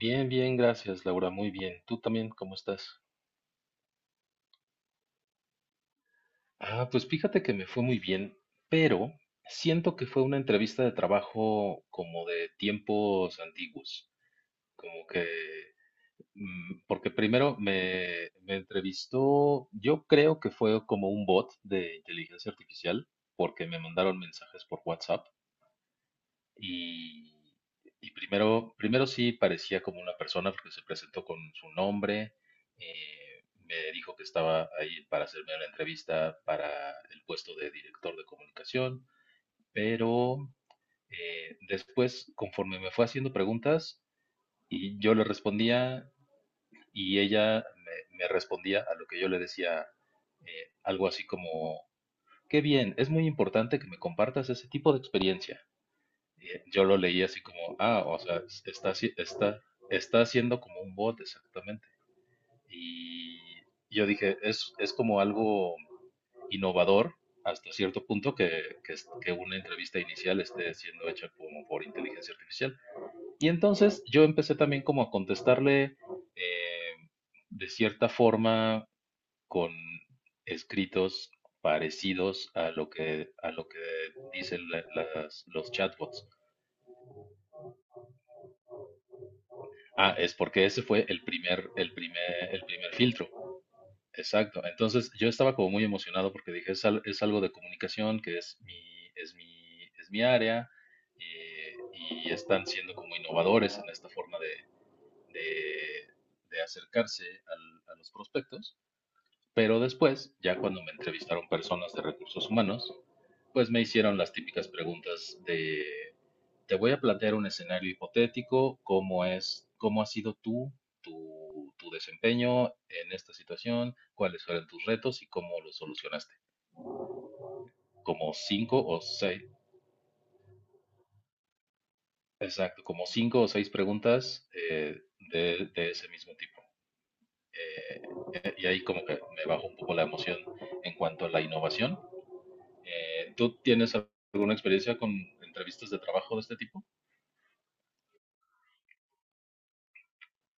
Bien, bien, gracias, Laura, muy bien. ¿Tú también cómo estás? Ah, pues fíjate que me fue muy bien, pero siento que fue una entrevista de trabajo como de tiempos antiguos, como que, porque primero me entrevistó, yo creo que fue como un bot de inteligencia artificial, porque me mandaron mensajes por WhatsApp. Y, y primero sí parecía como una persona porque se presentó con su nombre, me dijo que estaba ahí para hacerme la entrevista para el puesto de director de comunicación, pero después, conforme me fue haciendo preguntas, y yo le respondía y ella me respondía a lo que yo le decía, algo así como, qué bien, es muy importante que me compartas ese tipo de experiencia. Yo lo leí así como, ah, o sea, está, está haciendo como un bot exactamente. Y yo dije, es como algo innovador hasta cierto punto que una entrevista inicial esté siendo hecha como por inteligencia artificial. Y entonces yo empecé también como a contestarle eh, de cierta forma con escritos parecidos a a lo que dicen los chatbots. Ah, es porque ese fue el primer filtro. Exacto. Entonces yo estaba como muy emocionado porque dije, es algo de comunicación que es mi área, y están siendo como innovadores en esta forma de- de acercarse a los prospectos. Pero después, ya cuando me entrevistaron personas de recursos humanos, pues me hicieron las típicas preguntas de te voy a plantear un escenario hipotético, cómo es, cómo ha sido tu desempeño en esta situación, cuáles fueron tus retos y cómo los solucionaste. Como cinco o seis, exacto, como cinco o seis preguntas, de ese mismo tipo. Eh, y ahí como que me bajó un poco la emoción en cuanto a la innovación. ¿Tú tienes alguna experiencia con entrevistas de trabajo de este tipo?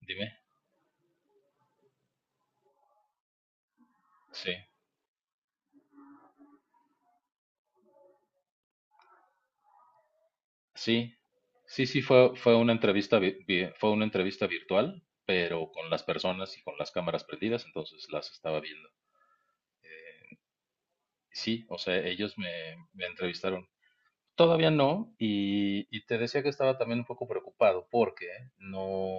Dime. Sí. Sí, sí, sí, fue una entrevista, fue una entrevista virtual, pero con las personas y con las cámaras prendidas, entonces las estaba viendo. Sí, o sea, ellos me entrevistaron. Todavía no, y te decía que estaba también un poco preocupado porque no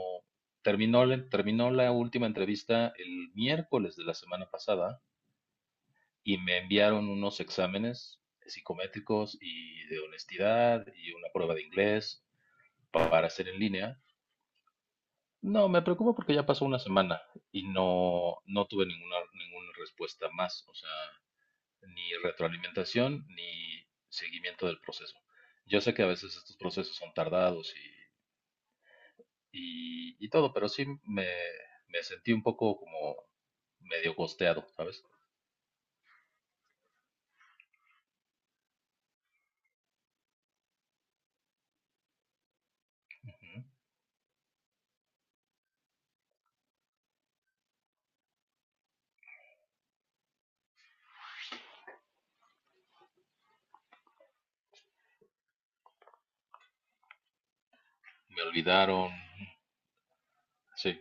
terminó, terminó la última entrevista el miércoles de la semana pasada y me enviaron unos exámenes psicométricos y de honestidad y una prueba de inglés para hacer en línea. No, me preocupa porque ya pasó una semana y no, no tuve ninguna respuesta más, o sea, ni retroalimentación ni seguimiento del proceso. Yo sé que a veces estos procesos son tardados y todo, pero sí me sentí un poco como medio costeado, ¿sabes? Ujú. Me olvidaron. Sí,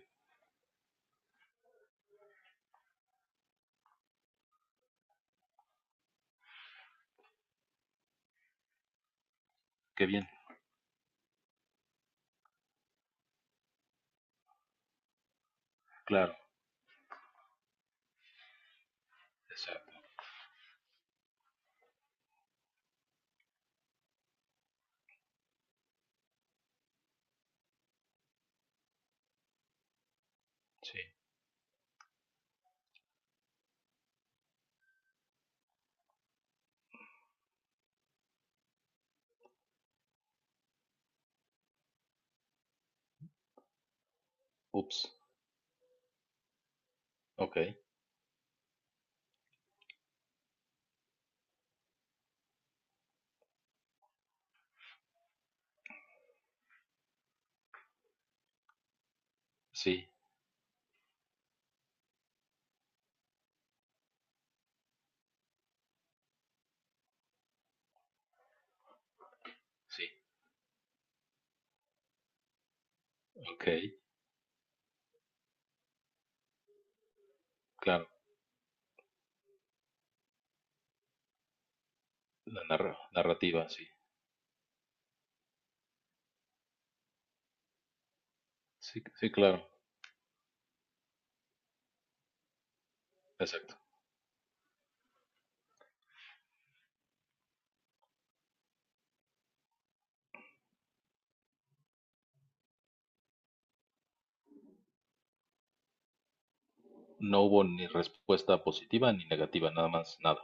qué bien, claro, exacto, sí. Ups, ok, sí, sí, ok, claro, la narrativa, sí, sí, sí, claro, exacto. No hubo ni respuesta positiva ni negativa, nada más nada.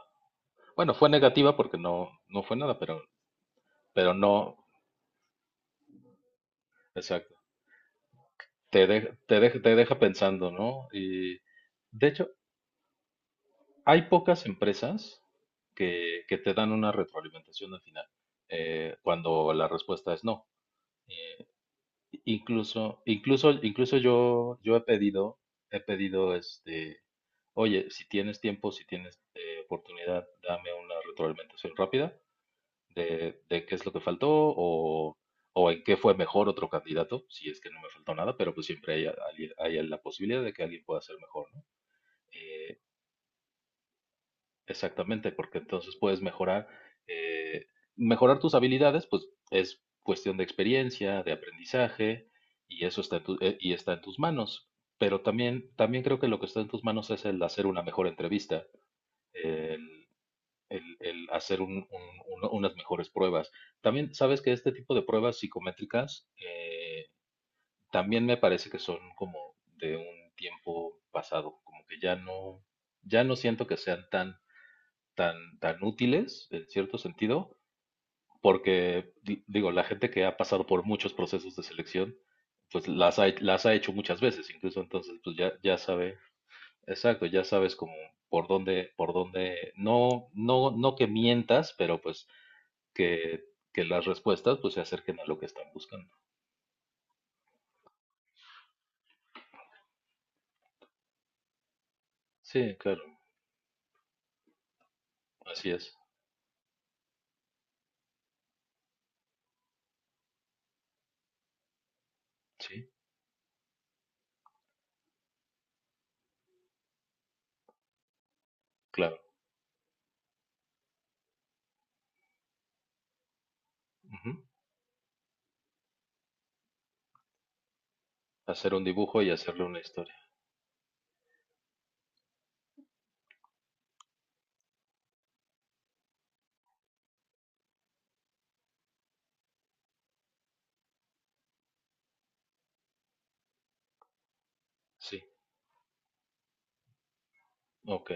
Bueno, fue negativa porque no, no fue nada, pero no, exacto. Te deja pensando, ¿no? Y de hecho, hay pocas empresas que te dan una retroalimentación al final, cuando la respuesta es no. Eh, incluso yo, yo he pedido este, oye, si tienes tiempo, si tienes oportunidad, dame una retroalimentación rápida de qué es lo que faltó o en qué fue mejor otro candidato, si es que no me faltó nada, pero pues siempre hay, alguien- hay la posibilidad de que alguien pueda ser mejor, ¿no? Eh, Exactamente, porque entonces puedes mejorar, eh, mejorar tus habilidades, pues es cuestión de experiencia, de aprendizaje, y eso está y está en tus manos. Pero también, también creo que lo que está en tus manos es el hacer una mejor entrevista, el el hacer unas mejores pruebas. También sabes que este tipo de pruebas psicométricas, también me parece que son como de un tiempo pasado, como que ya no, ya no siento que sean tan útiles en cierto sentido, porque digo, la gente que ha pasado por muchos procesos de selección, pues las ha hecho muchas veces, incluso entonces pues ya, ya sabe, exacto, ya sabes como por dónde, no que mientas, pero pues que, que las respuestas pues se acerquen a lo que están buscando. Sí, claro, así es. Sí, claro. Ujú. Hacer un dibujo y hacerle una historia. Sí, ok.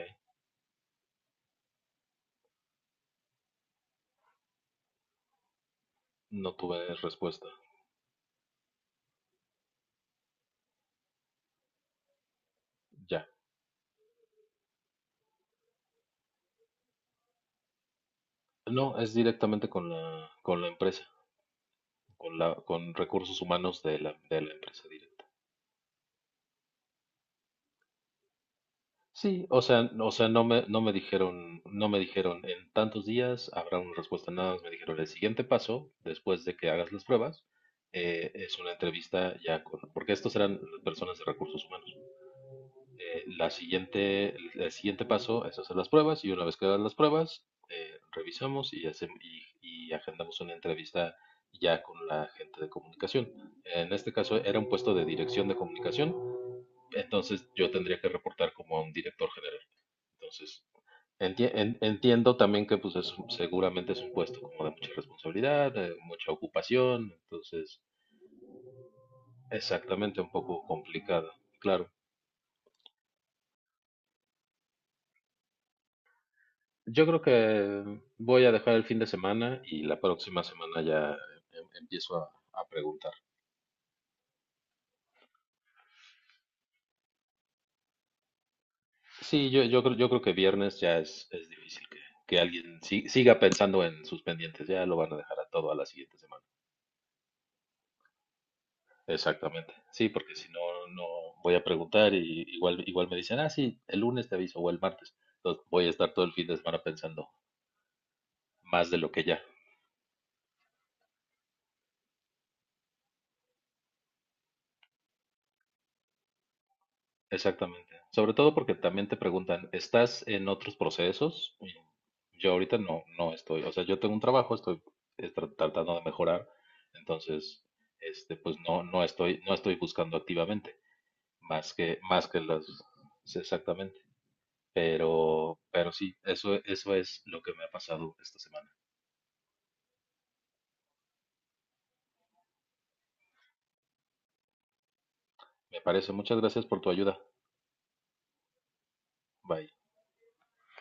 No tuve respuesta. Ya. No, es directamente con la empresa, con la, con recursos humanos de de la empresa directa. Sí, o sea, no no me dijeron, no me dijeron en tantos días habrá una respuesta, nada más me dijeron el siguiente paso, después de que hagas las pruebas, es una entrevista ya con, porque estos eran personas de recursos humanos. La siguiente, el siguiente paso es hacer las pruebas y una vez que hagas las pruebas, revisamos y, hacemos, y agendamos una entrevista ya con la gente de comunicación. En este caso era un puesto de dirección de comunicación, entonces yo tendría que reportar como a un director general. Entonces, entiendo también que pues es, seguramente es un puesto como de mucha responsabilidad, de mucha ocupación, entonces exactamente un poco complicado, claro. Yo creo que voy a dejar el fin de semana y la próxima semana ya empiezo a preguntar. Sí, yo, yo creo que viernes ya es difícil que alguien siga pensando en sus pendientes, ya lo van a dejar a todo a la siguiente semana. Exactamente. Sí, porque si no, no voy a preguntar y igual, igual me dicen, ah, sí, el lunes te aviso o el martes. Entonces voy a estar todo el fin de semana pensando más de lo que ya. Exactamente. Sobre todo porque también te preguntan, ¿estás en otros procesos? Y yo ahorita no, no estoy. O sea, yo tengo un trabajo, estoy tratando de mejorar. Entonces, este, pues no, no estoy, no estoy buscando activamente, más que las, sí, exactamente. Pero sí, eso es lo que me ha pasado esta semana. Me parece. Muchas gracias por tu ayuda. Bye.